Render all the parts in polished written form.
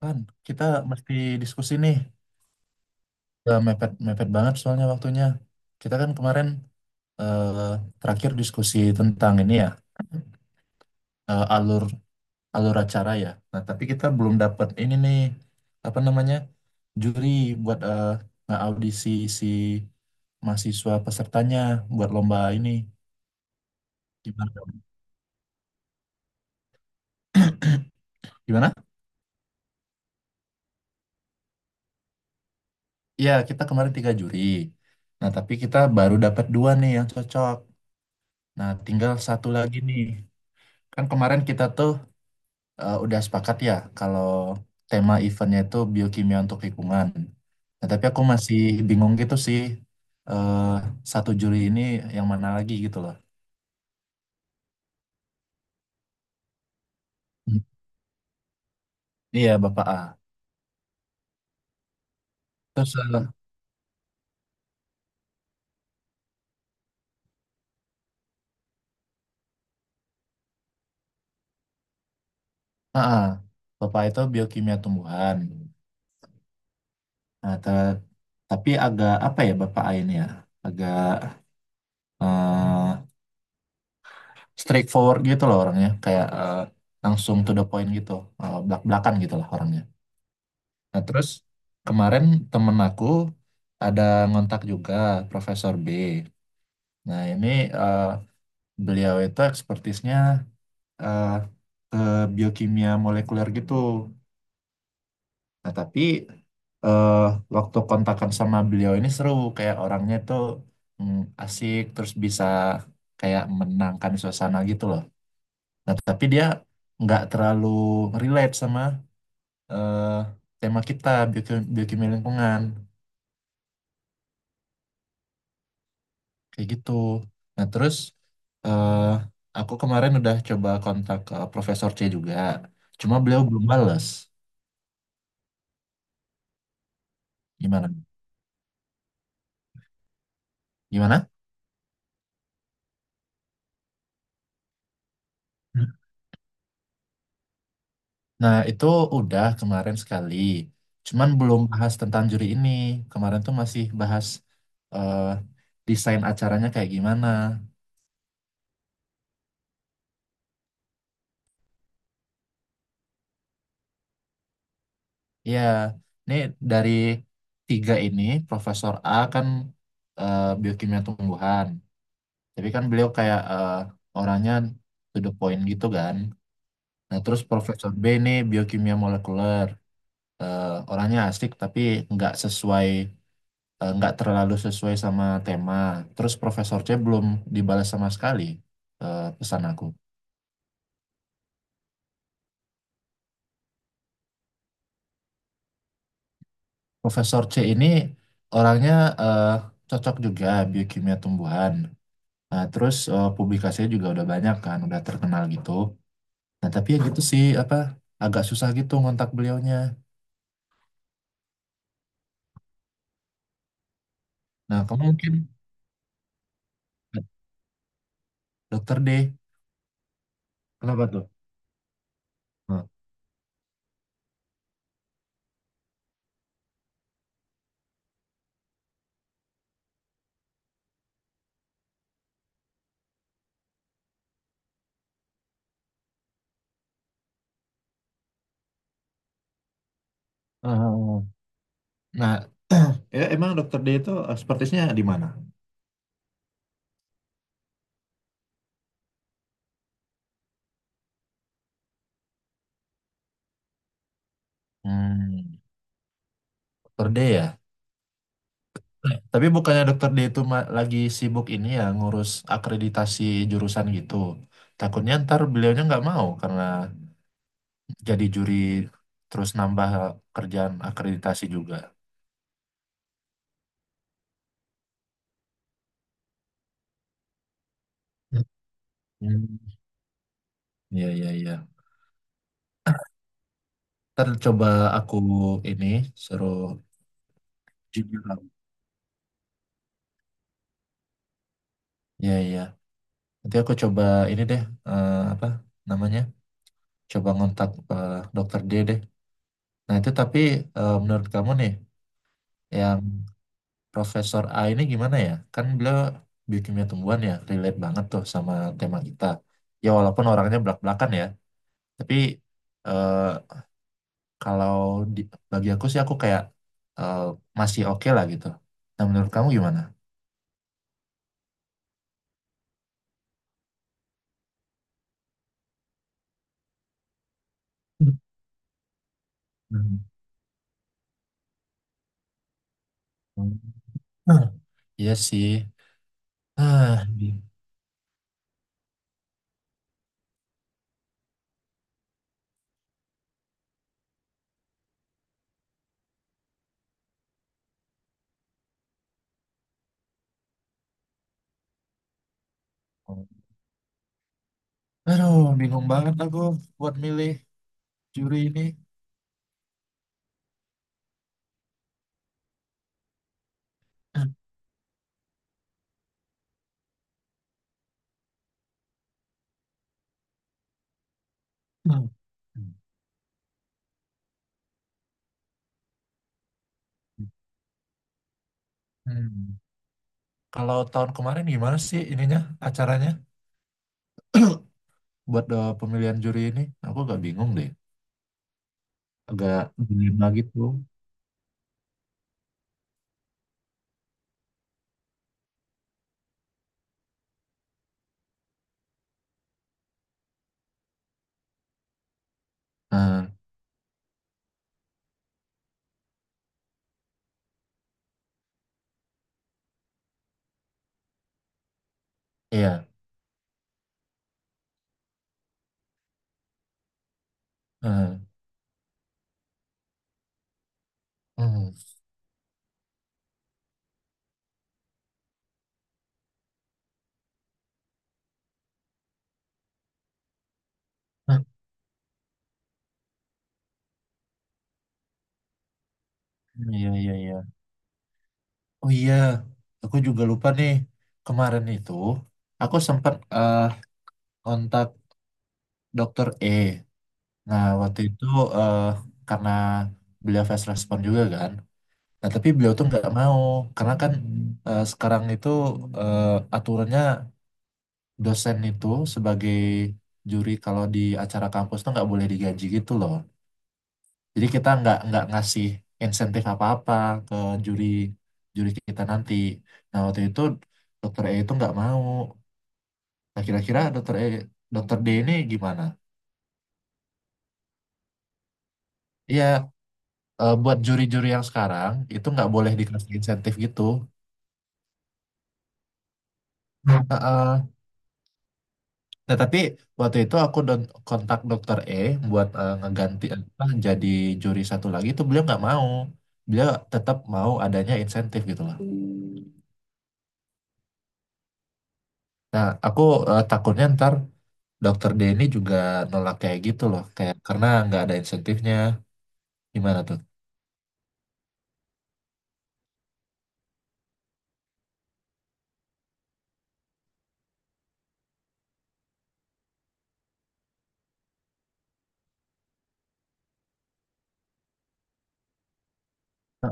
Kan kita mesti diskusi nih. Udah mepet mepet banget soalnya waktunya. Kita kan kemarin eh, terakhir diskusi tentang ini ya, alur alur acara ya. Nah tapi kita belum dapat ini nih, apa namanya, juri buat audisi si mahasiswa pesertanya buat lomba ini. Gimana? Gimana? Iya kita kemarin tiga juri. Nah tapi kita baru dapat dua nih yang cocok. Nah tinggal satu lagi nih. Kan kemarin kita tuh udah sepakat ya kalau tema eventnya itu biokimia untuk lingkungan. Nah, tapi aku masih bingung gitu sih, eh satu juri ini yang mana lagi gitu loh. Hmm. Iya Bapak A. Terus ah, ah, Bapak A itu biokimia tumbuhan. Nah, te- tapi agak apa ya Bapak A ini ya? Agak eh straightforward gitu loh orangnya, kayak langsung to the point gitu, belak-belakan gitu lah orangnya. Nah, terus kemarin temen aku ada ngontak juga Profesor B. Nah, ini eh, beliau itu ekspertisnya eh, ke biokimia molekuler gitu. Nah, tapi eh, waktu kontakan sama beliau ini seru, kayak orangnya tuh mm, asik, terus bisa kayak menenangkan suasana gitu loh. Nah, tapi dia nggak terlalu relate sama eh, tema kita, biokimia lingkungan. Kayak gitu. Nah, terus eh aku kemarin udah coba kontak ke Profesor C juga. Cuma beliau belum bales. Gimana? Gimana? Nah, itu udah kemarin sekali. Cuman belum bahas tentang juri ini. Kemarin tuh masih bahas eh desain acaranya kayak gimana. Iya, ini dari tiga ini, Profesor A kan biokimia tumbuhan. Tapi kan beliau kayak orangnya to the point gitu kan. Nah, terus Profesor B ini biokimia molekuler. Eh, orangnya asik tapi nggak sesuai, nggak terlalu sesuai sama tema. Terus Profesor C belum dibalas sama sekali, pesan aku. Profesor C ini orangnya eh, cocok juga biokimia tumbuhan. Nah, terus publikasinya juga udah banyak kan, udah terkenal gitu. Nah, tapi ya gitu sih, apa, agak susah gitu ngontak beliaunya. Nah, kamu mungkin dokter D, kenapa tuh? Nah, eh, eh, eh. nah, Ya, emang dokter D itu sepertinya di mana? Hmm, Dokter D ya. Eh, tapi bukannya Dokter D itu ma- lagi sibuk ini ya ngurus akreditasi jurusan gitu. Takutnya ntar beliaunya nggak mau karena jadi juri terus nambah kerjaan akreditasi juga. Hmm. Iya, iya, iya. Ntar coba aku ini suruh junior aku. Iya, iya. Nanti aku coba ini deh, apa namanya? Coba ngontak Dokter D deh. Nah, itu tapi menurut kamu nih, yang Profesor A ini gimana ya? Kan beliau biokimia tumbuhan ya, relate banget tuh sama tema kita. Ya, walaupun orangnya belak-belakan ya, tapi eh, kalau di, bagi aku sih aku kayak eh, masih oke lah gitu. Nah, menurut kamu gimana? Hmm. Hmm. Iya sih. Ah, bingung. Aduh, bingung banget aku buat milih juri ini. Hmm. Hmm. Kalau tahun kemarin gimana sih ininya acaranya buat pemilihan juri ini? Aku agak bingung deh, agak dilema gitu. Nah, iya. Nah, hmm. Hah, iya iya iya. Oh iya, aku juga lupa nih. Kemarin itu aku sempat kontak Dokter E. Nah waktu itu eh, karena beliau fast respon juga kan. Nah tapi beliau tuh nggak mau karena kan sekarang itu aturannya dosen itu sebagai juri kalau di acara kampus tuh nggak boleh digaji gitu loh. Jadi kita nggak ngasih insentif apa-apa ke juri juri kita nanti. Nah waktu itu dokter E itu nggak mau. Nah kira-kira dokter E, dokter D ini gimana? Iya buat juri-juri yang sekarang itu nggak boleh dikasih insentif gitu. Heeh. Nah, tapi waktu itu kontak dokter E buat ngeganti apa jadi juri satu lagi itu beliau nggak mau. Beliau tetap mau adanya insentif gitu loh. Nah, aku takutnya ntar dokter D ini juga nolak kayak gitu loh, kayak karena nggak ada insentifnya. Gimana tuh?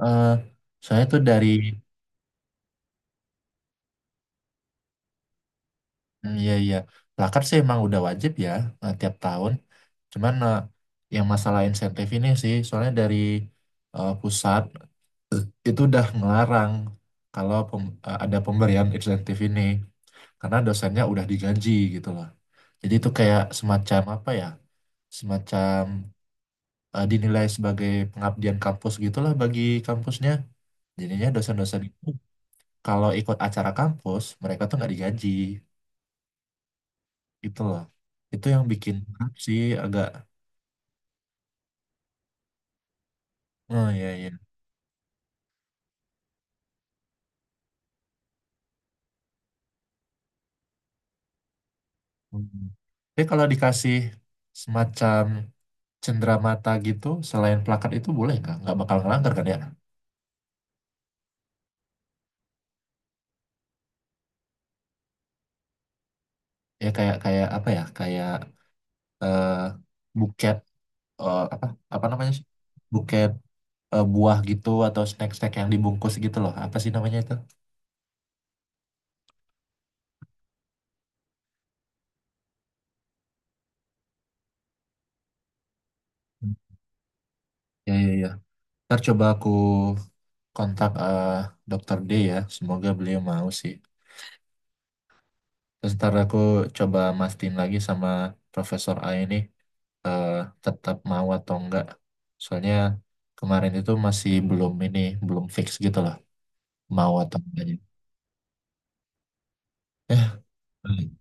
Heeh. Soalnya tuh dari, hmm, iya iya. Plakat sih emang udah wajib ya tiap tahun. Cuman yang masalah insentif ini sih soalnya dari pusat itu udah ngelarang kalau ada pemberian insentif ini karena dosennya udah digaji gitu loh. Jadi itu kayak semacam apa ya? Semacam dinilai sebagai pengabdian kampus gitulah bagi kampusnya. Jadinya dosen-dosen itu kalau ikut acara kampus mereka tuh nggak digaji gitu loh. Itu yang bikin berat sih agak. Oh iya iya. Hmm. Tapi kalau dikasih semacam cenderamata gitu selain plakat itu boleh nggak? Nggak bakal ngelanggar kan ya? Ya kayak kayak apa ya, kayak eh, buket, apa, apa namanya sih, buket buah gitu atau snack-snack yang dibungkus gitu loh apa sih namanya itu. Hmm. Ya ya ya, ntar coba aku kontak dokter D ya, semoga beliau mau sih. Terus ntar aku coba mastiin lagi sama Profesor A ini eh, tetap mau atau enggak, soalnya kemarin itu masih belum ini, belum fix gitu loh mau atau enggaknya. eh baik.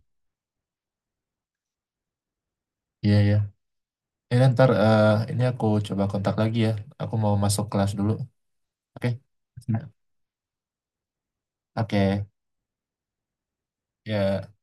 Iya ya. Ya kan, ntar ini aku coba kontak lagi ya. Aku mau masuk kelas dulu. Oke? Oke. Ya.